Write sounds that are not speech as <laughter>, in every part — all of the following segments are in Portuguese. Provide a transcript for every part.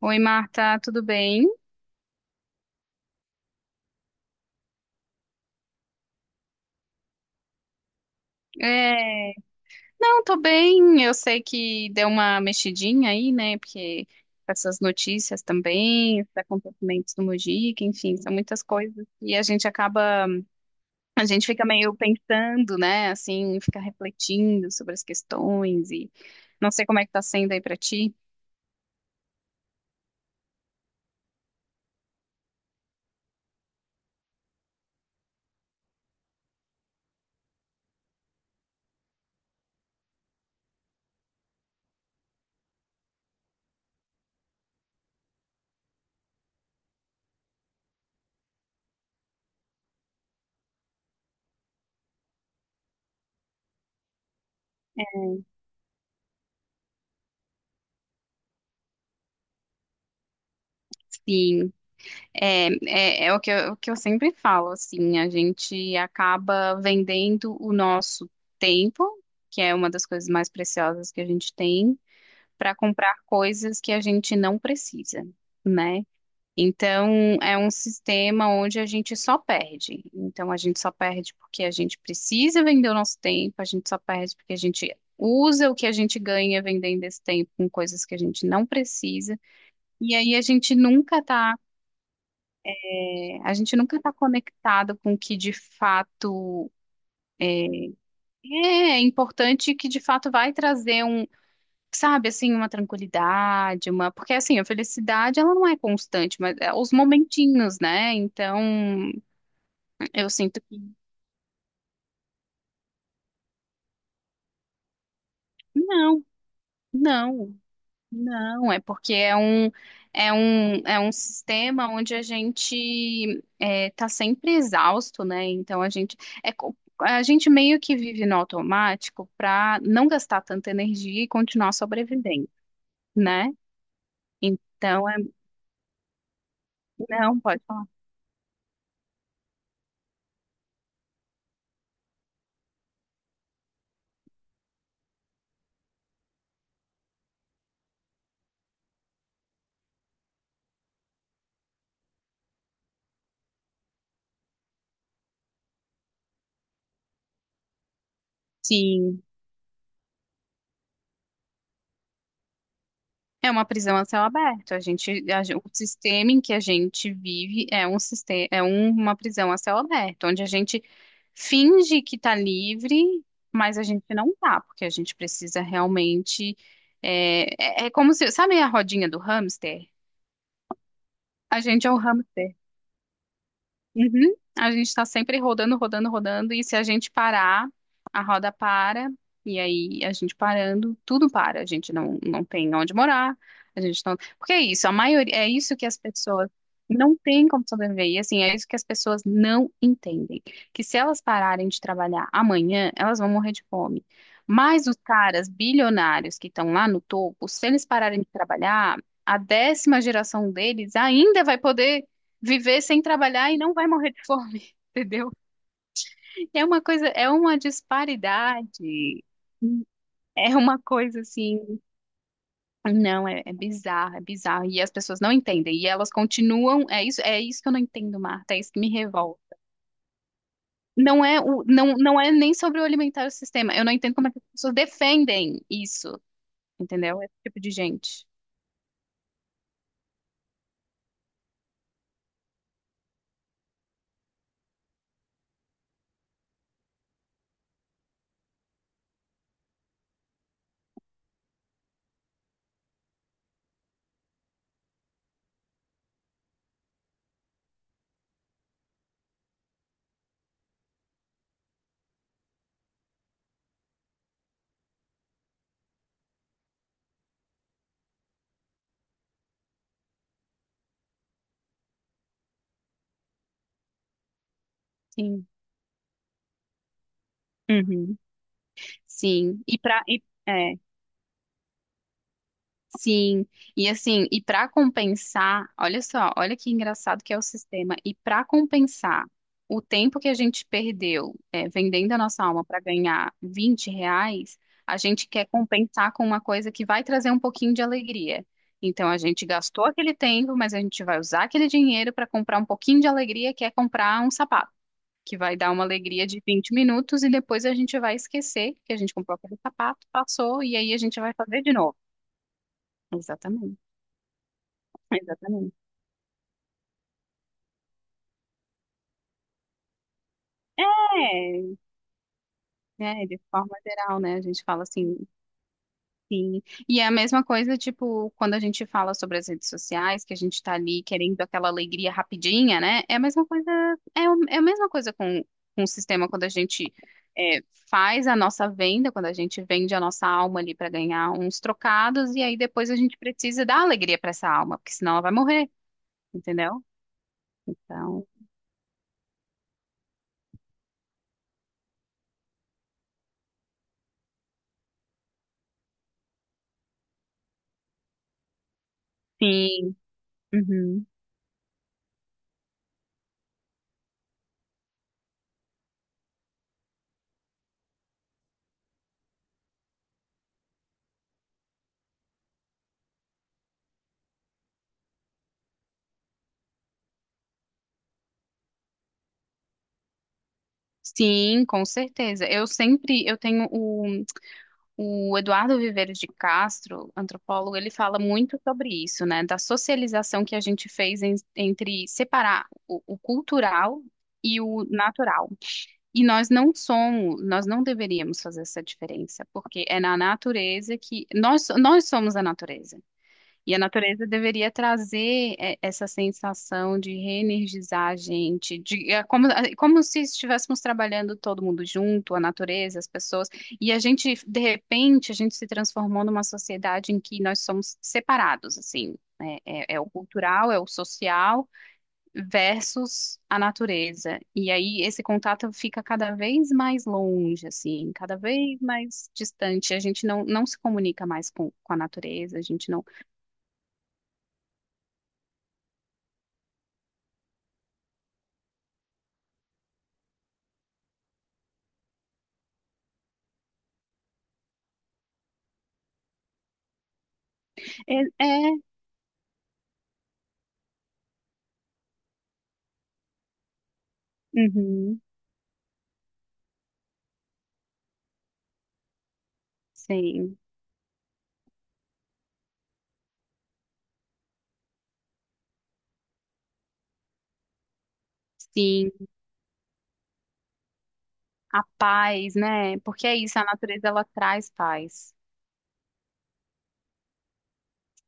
Oi, Marta, tudo bem? É, não, tô bem. Eu sei que deu uma mexidinha aí, né? Porque essas notícias também, esses acontecimentos do Mujica, enfim, são muitas coisas e a gente fica meio pensando, né? Assim, fica refletindo sobre as questões e não sei como é que tá sendo aí pra ti. Sim. É o que eu sempre falo, assim, a gente acaba vendendo o nosso tempo, que é uma das coisas mais preciosas que a gente tem, para comprar coisas que a gente não precisa, né? Então, é um sistema onde a gente só perde. Então, a gente só perde porque a gente precisa vender o nosso tempo, a gente só perde porque a gente usa o que a gente ganha vendendo esse tempo com coisas que a gente não precisa. E aí a gente nunca está é, a gente nunca está conectado com o que de fato é, é importante e que de fato vai trazer um, sabe, assim, uma tranquilidade, uma, porque assim, a felicidade ela não é constante, mas é os momentinhos, né? Então, eu sinto que não, não. Não, é porque é um sistema onde a gente está sempre exausto, né? Então é, co- a gente meio que vive no automático para não gastar tanta energia e continuar sobrevivendo, né? Então é, não, pode falar. Sim. É uma prisão a céu aberto. A gente, a gen- O sistema em que a gente vive é um sistema, uma prisão a céu aberto, onde a gente finge que está livre, mas a gente não tá, porque a gente precisa realmente. É, é como se, sabe a rodinha do hamster? A gente é o hamster. Uhum. A gente está sempre rodando, rodando, rodando, e se a gente parar, a roda para, e aí a gente parando, tudo para. A gente não tem onde morar, a gente não. Porque é isso, a maioria, é isso que as pessoas não têm como sobreviver, e assim, é isso que as pessoas não entendem. Que se elas pararem de trabalhar amanhã, elas vão morrer de fome. Mas os caras bilionários que estão lá no topo, se eles pararem de trabalhar, a décima geração deles ainda vai poder viver sem trabalhar e não vai morrer de fome, <laughs> entendeu? É uma coisa, é uma disparidade. É uma coisa assim, não, é bizarro, é bizarro. E as pessoas não entendem. E elas continuam, é isso que eu não entendo, Marta, é isso que me revolta. Não é nem sobre o alimentar o sistema. Eu não entendo como é que as pessoas defendem isso, entendeu? Esse tipo de gente. Sim. Uhum. Sim. E para Sim, e assim, e para compensar, olha só, olha que engraçado que é o sistema. E para compensar o tempo que a gente perdeu, vendendo a nossa alma para ganhar 20 reais, a gente quer compensar com uma coisa que vai trazer um pouquinho de alegria. Então a gente gastou aquele tempo, mas a gente vai usar aquele dinheiro para comprar um pouquinho de alegria, que é comprar um sapato, que vai dar uma alegria de 20 minutos e depois a gente vai esquecer que a gente comprou aquele sapato, passou, e aí a gente vai fazer de novo. Exatamente. Exatamente. É, é, de forma geral, né? A gente fala assim, sim. E é a mesma coisa, tipo, quando a gente fala sobre as redes sociais, que a gente tá ali querendo aquela alegria rapidinha, né? É a mesma coisa, é a mesma coisa com o sistema quando a gente é, faz a nossa venda, quando a gente vende a nossa alma ali para ganhar uns trocados, e aí depois a gente precisa dar alegria para essa alma, porque senão ela vai morrer, entendeu? Então, sim. Uhum. Sim, com certeza. Eu sempre, eu tenho o O Eduardo Viveiro de Castro, antropólogo, ele fala muito sobre isso, né? Da socialização que a gente fez entre separar o cultural e o natural. E nós não deveríamos fazer essa diferença, porque é na natureza que nós somos a natureza. E a natureza deveria trazer essa sensação de reenergizar a gente, é como se estivéssemos trabalhando todo mundo junto, a natureza, as pessoas, e a gente, de repente, a gente se transformou numa sociedade em que nós somos separados, assim, né? É o cultural, é o social versus a natureza, e aí esse contato fica cada vez mais longe, assim, cada vez mais distante, a gente não se comunica mais com a natureza, a gente não é, é. Uhum. Sim, sim, a paz, né? Porque é isso, a natureza ela traz paz.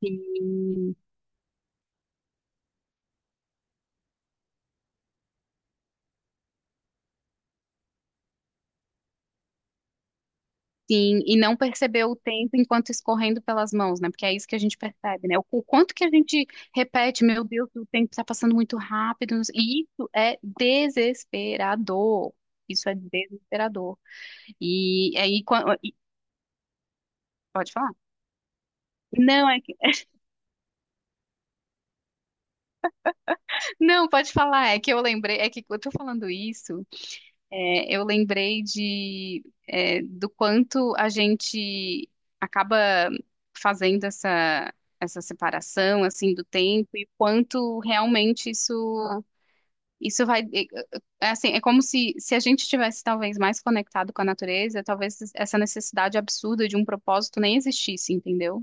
Sim, sim, e não perceber o tempo enquanto escorrendo pelas mãos, né? Porque é isso que a gente percebe, né? O quanto que a gente repete, meu Deus, o tempo está passando muito rápido, e isso é desesperador. Isso é desesperador. E é aí, quan- e- Pode falar? Não, é que, <laughs> não, pode falar, é que eu lembrei, é que eu tô falando isso. Eu lembrei do quanto a gente acaba fazendo essa, separação assim do tempo e quanto realmente isso vai, assim, é como se a gente tivesse talvez mais conectado com a natureza, talvez essa necessidade absurda de um propósito nem existisse, entendeu?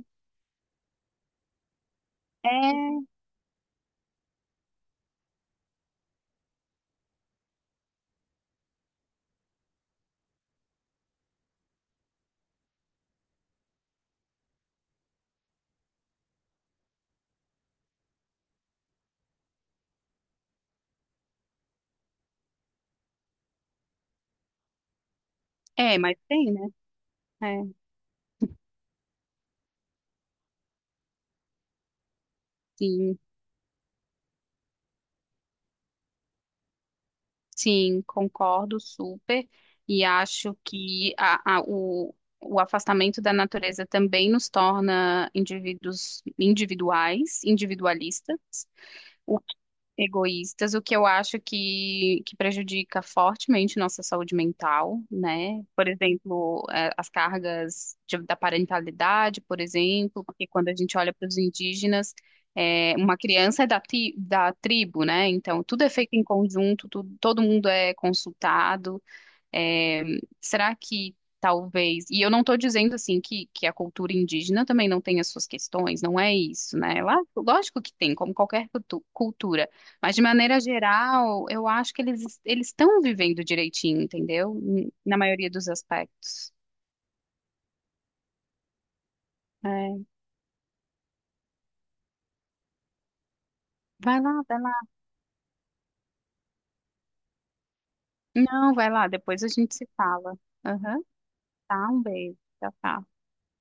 É, mas tem, né? É, sim. Sim, concordo super, e acho que o afastamento da natureza também nos torna indivíduos individuais, individualistas, egoístas, o que eu acho que prejudica fortemente nossa saúde mental, né? Por exemplo, as cargas da parentalidade, por exemplo, porque quando a gente olha para os indígenas, uma criança é da tribo, né? Então, tudo é feito em conjunto, tudo, todo mundo é consultado, é, será que talvez. E eu não estou dizendo assim que a cultura indígena também não tem as suas questões, não é isso, né? Lá, lógico que tem, como qualquer cultura. Mas de maneira geral, eu acho que eles estão vivendo direitinho, entendeu? Na maioria dos aspectos. É. Vai lá, vai lá. Não, vai lá, depois a gente se fala. Aham. Tá, um beijo. Tchau, tchau.